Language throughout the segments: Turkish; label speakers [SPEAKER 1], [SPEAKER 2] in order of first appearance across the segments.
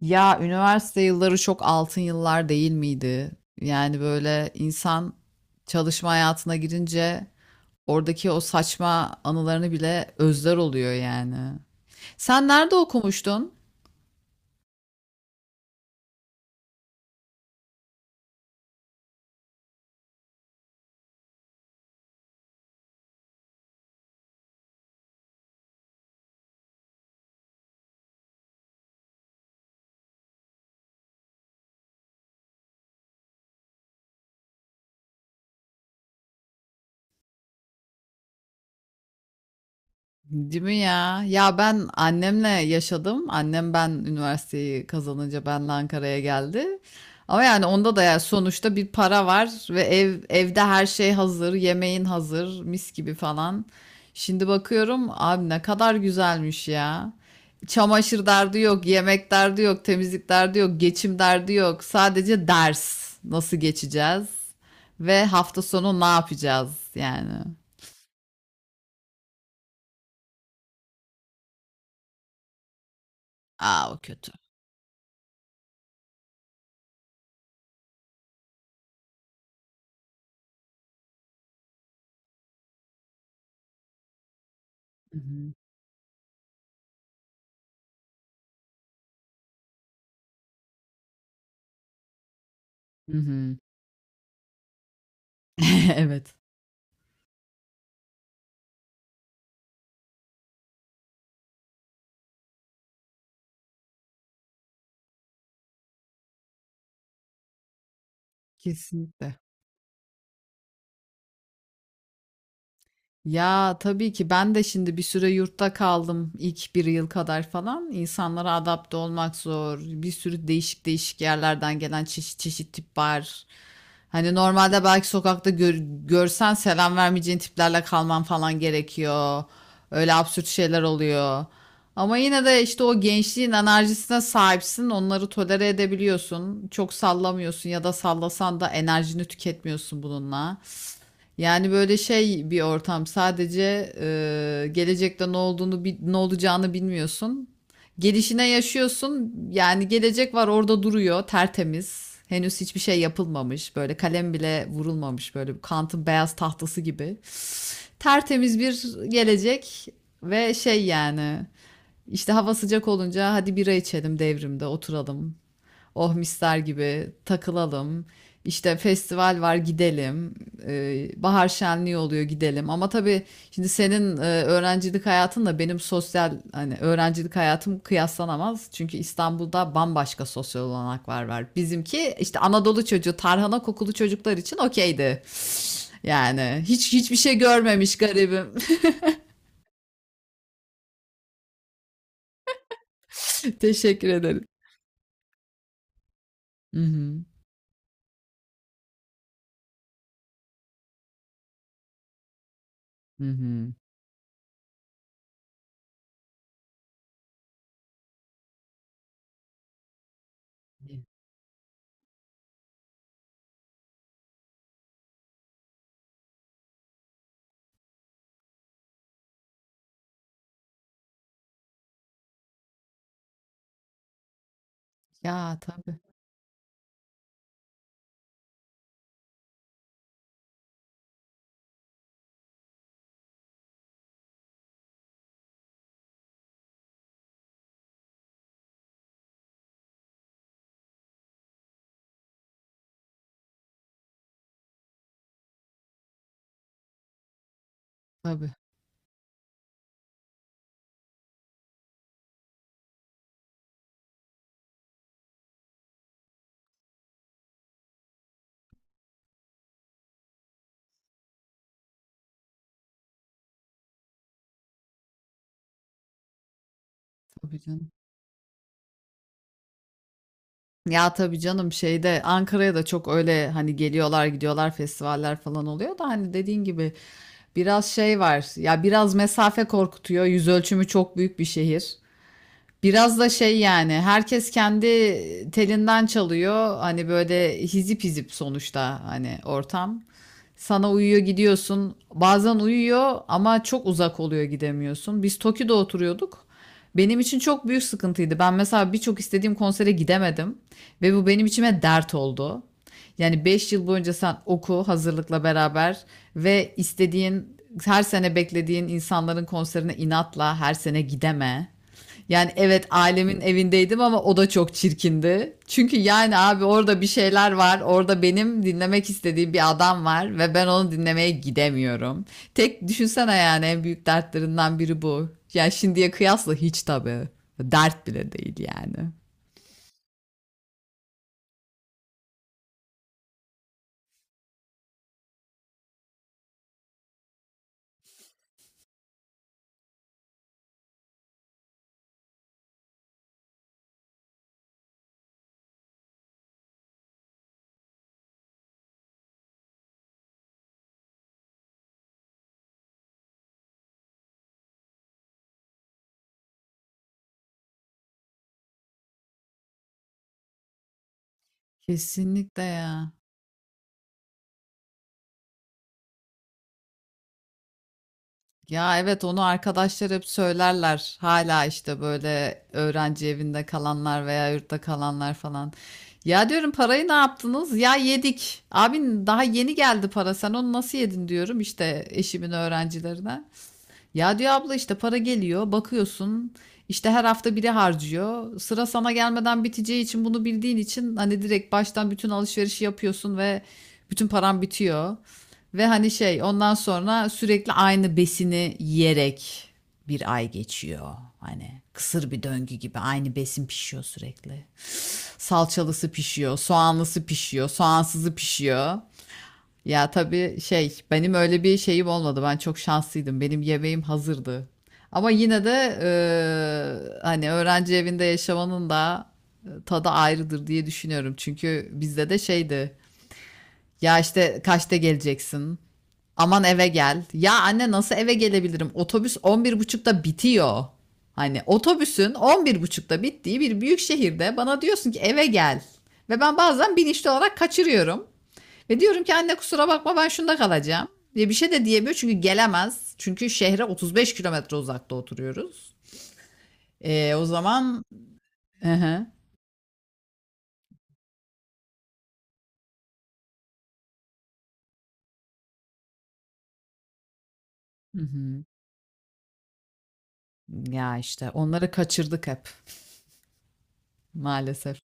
[SPEAKER 1] Ya üniversite yılları çok altın yıllar değil miydi? Yani böyle insan çalışma hayatına girince oradaki o saçma anılarını bile özler oluyor yani. Sen nerede okumuştun? Değil mi ya? Ya ben annemle yaşadım. Annem ben üniversiteyi kazanınca benle Ankara'ya geldi. Ama yani onda da yani sonuçta bir para var ve evde her şey hazır, yemeğin hazır, mis gibi falan. Şimdi bakıyorum abi ne kadar güzelmiş ya. Çamaşır derdi yok, yemek derdi yok, temizlik derdi yok, geçim derdi yok. Sadece ders nasıl geçeceğiz ve hafta sonu ne yapacağız yani. Aa o kötü. Hı hı. Hı hı. Evet. Kesinlikle. Ya, tabii ki ben de şimdi bir süre yurtta kaldım ilk bir yıl kadar falan. İnsanlara adapte olmak zor. Bir sürü değişik değişik yerlerden gelen çeşit çeşit tip var. Hani normalde belki sokakta görsen selam vermeyeceğin tiplerle kalman falan gerekiyor. Öyle absürt şeyler oluyor. Ama yine de işte o gençliğin enerjisine sahipsin. Onları tolere edebiliyorsun. Çok sallamıyorsun ya da sallasan da enerjini tüketmiyorsun bununla. Yani böyle şey bir ortam sadece gelecekte ne olduğunu ne olacağını bilmiyorsun. Gelişine yaşıyorsun. Yani gelecek var orada duruyor tertemiz. Henüz hiçbir şey yapılmamış. Böyle kalem bile vurulmamış. Böyle Kant'ın beyaz tahtası gibi. Tertemiz bir gelecek ve şey yani işte hava sıcak olunca hadi bira içelim devrimde oturalım. Oh mister gibi takılalım. İşte festival var gidelim. Bahar şenliği oluyor gidelim. Ama tabii şimdi senin öğrencilik hayatınla benim sosyal hani öğrencilik hayatım kıyaslanamaz. Çünkü İstanbul'da bambaşka sosyal olanaklar var. Bizimki işte Anadolu çocuğu, tarhana kokulu çocuklar için okeydi. Yani hiç hiçbir şey görmemiş garibim. Teşekkür ederim. Hı hı. Hı hı. Ya tabii tabii tabii canım. Ya tabii canım şeyde Ankara'ya da çok öyle hani geliyorlar gidiyorlar festivaller falan oluyor da hani dediğin gibi biraz şey var ya biraz mesafe korkutuyor, yüz ölçümü çok büyük bir şehir. Biraz da şey yani herkes kendi telinden çalıyor. Hani böyle hizip hizip sonuçta hani ortam. Sana uyuyor gidiyorsun. Bazen uyuyor ama çok uzak oluyor gidemiyorsun. Biz Toki'de oturuyorduk. Benim için çok büyük sıkıntıydı. Ben mesela birçok istediğim konsere gidemedim ve bu benim içime dert oldu. Yani 5 yıl boyunca sen oku hazırlıkla beraber ve istediğin her sene beklediğin insanların konserine inatla her sene gideme. Yani evet ailemin evindeydim ama o da çok çirkindi. Çünkü yani abi orada bir şeyler var. Orada benim dinlemek istediğim bir adam var ve ben onu dinlemeye gidemiyorum. Tek düşünsene yani en büyük dertlerinden biri bu. Yani şimdiye kıyasla hiç tabii. Dert bile değil yani. Kesinlikle ya. Ya evet onu arkadaşlar hep söylerler. Hala işte böyle öğrenci evinde kalanlar veya yurtta kalanlar falan. Ya diyorum parayı ne yaptınız? Ya yedik. Abin daha yeni geldi para. Sen onu nasıl yedin diyorum işte eşimin öğrencilerine. Ya diyor abla işte para geliyor, bakıyorsun. İşte her hafta biri harcıyor. Sıra sana gelmeden biteceği için bunu bildiğin için hani direkt baştan bütün alışverişi yapıyorsun ve bütün paran bitiyor. Ve hani şey ondan sonra sürekli aynı besini yiyerek bir ay geçiyor. Hani kısır bir döngü gibi aynı besin pişiyor sürekli. Salçalısı pişiyor, soğanlısı pişiyor, soğansızı pişiyor. Ya tabii şey benim öyle bir şeyim olmadı. Ben çok şanslıydım. Benim yemeğim hazırdı. Ama yine de hani öğrenci evinde yaşamanın da tadı ayrıdır diye düşünüyorum. Çünkü bizde de şeydi. Ya işte kaçta geleceksin? Aman eve gel. Ya anne nasıl eve gelebilirim? Otobüs 11.30'da bitiyor. Hani otobüsün 11.30'da bittiği bir büyük şehirde bana diyorsun ki eve gel. Ve ben bazen bilinçli olarak kaçırıyorum. Ve diyorum ki anne kusura bakma ben şunda kalacağım. Diye bir şey de diyemiyor çünkü gelemez. Çünkü şehre 35 kilometre uzakta oturuyoruz. O zaman... Hı hı. Hı hı. Ya işte onları kaçırdık hep maalesef.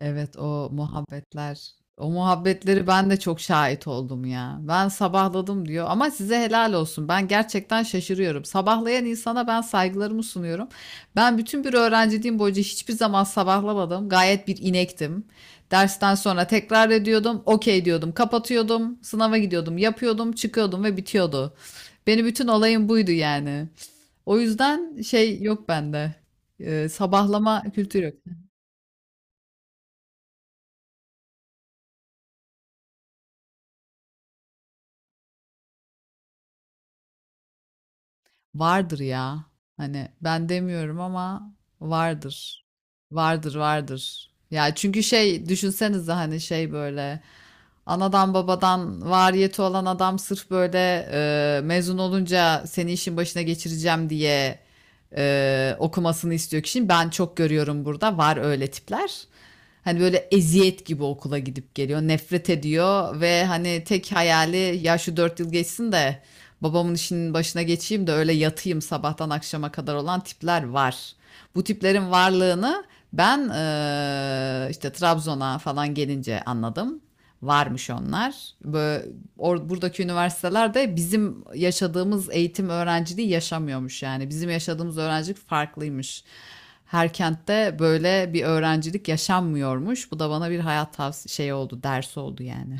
[SPEAKER 1] Evet, o muhabbetler. O muhabbetleri ben de çok şahit oldum ya. Ben sabahladım diyor ama size helal olsun. Ben gerçekten şaşırıyorum. Sabahlayan insana ben saygılarımı sunuyorum. Ben bütün bir öğrenciliğim boyunca hiçbir zaman sabahlamadım. Gayet bir inektim. Dersten sonra tekrar ediyordum. Okey diyordum. Kapatıyordum. Sınava gidiyordum. Yapıyordum. Çıkıyordum ve bitiyordu. Benim bütün olayım buydu yani. O yüzden şey yok bende. Sabahlama kültürü yok. Vardır ya. Hani ben demiyorum ama vardır. Vardır, vardır. Ya çünkü şey düşünsenize hani şey böyle anadan babadan variyeti olan adam sırf böyle mezun olunca seni işin başına geçireceğim diye okumasını istiyor kişinin. Ben çok görüyorum burada var öyle tipler. Hani böyle eziyet gibi okula gidip geliyor, nefret ediyor ve hani tek hayali ya şu 4 yıl geçsin de babamın işinin başına geçeyim de öyle yatayım sabahtan akşama kadar olan tipler var. Bu tiplerin varlığını ben işte Trabzon'a falan gelince anladım. Varmış onlar. Bö- Buradaki üniversitelerde bizim yaşadığımız eğitim öğrenciliği yaşamıyormuş yani. Bizim yaşadığımız öğrencilik farklıymış. Her kentte böyle bir öğrencilik yaşanmıyormuş. Bu da bana bir hayat tavsiye şey oldu, ders oldu yani.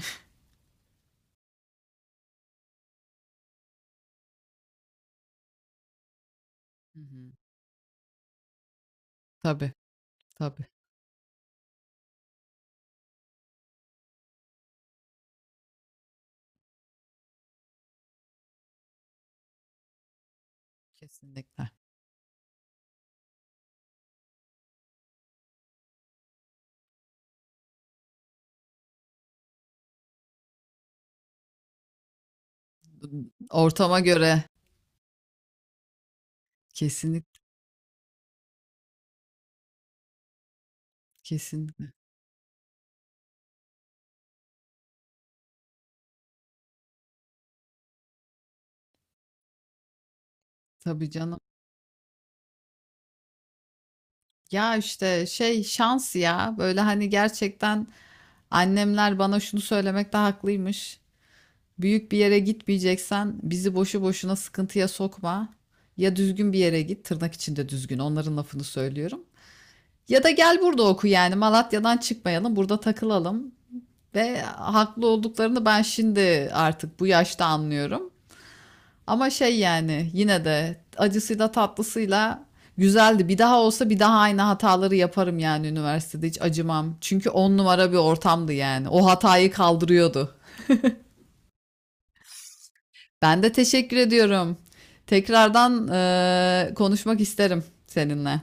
[SPEAKER 1] Hı hı. Tabii, tabii. Kesinlikle. Ortama göre. Kesinlikle, kesinlikle. Tabii canım. Ya işte şey şans ya. Böyle hani gerçekten annemler bana şunu söylemekte haklıymış. Büyük bir yere gitmeyeceksen bizi boşu boşuna sıkıntıya sokma. Ya düzgün bir yere git, tırnak içinde düzgün. Onların lafını söylüyorum. Ya da gel burada oku yani. Malatya'dan çıkmayalım, burada takılalım. Ve haklı olduklarını ben şimdi artık bu yaşta anlıyorum. Ama şey yani yine de acısıyla tatlısıyla güzeldi. Bir daha olsa bir daha aynı hataları yaparım yani üniversitede hiç acımam. Çünkü on numara bir ortamdı yani. O hatayı kaldırıyordu. Ben de teşekkür ediyorum. Tekrardan konuşmak isterim seninle.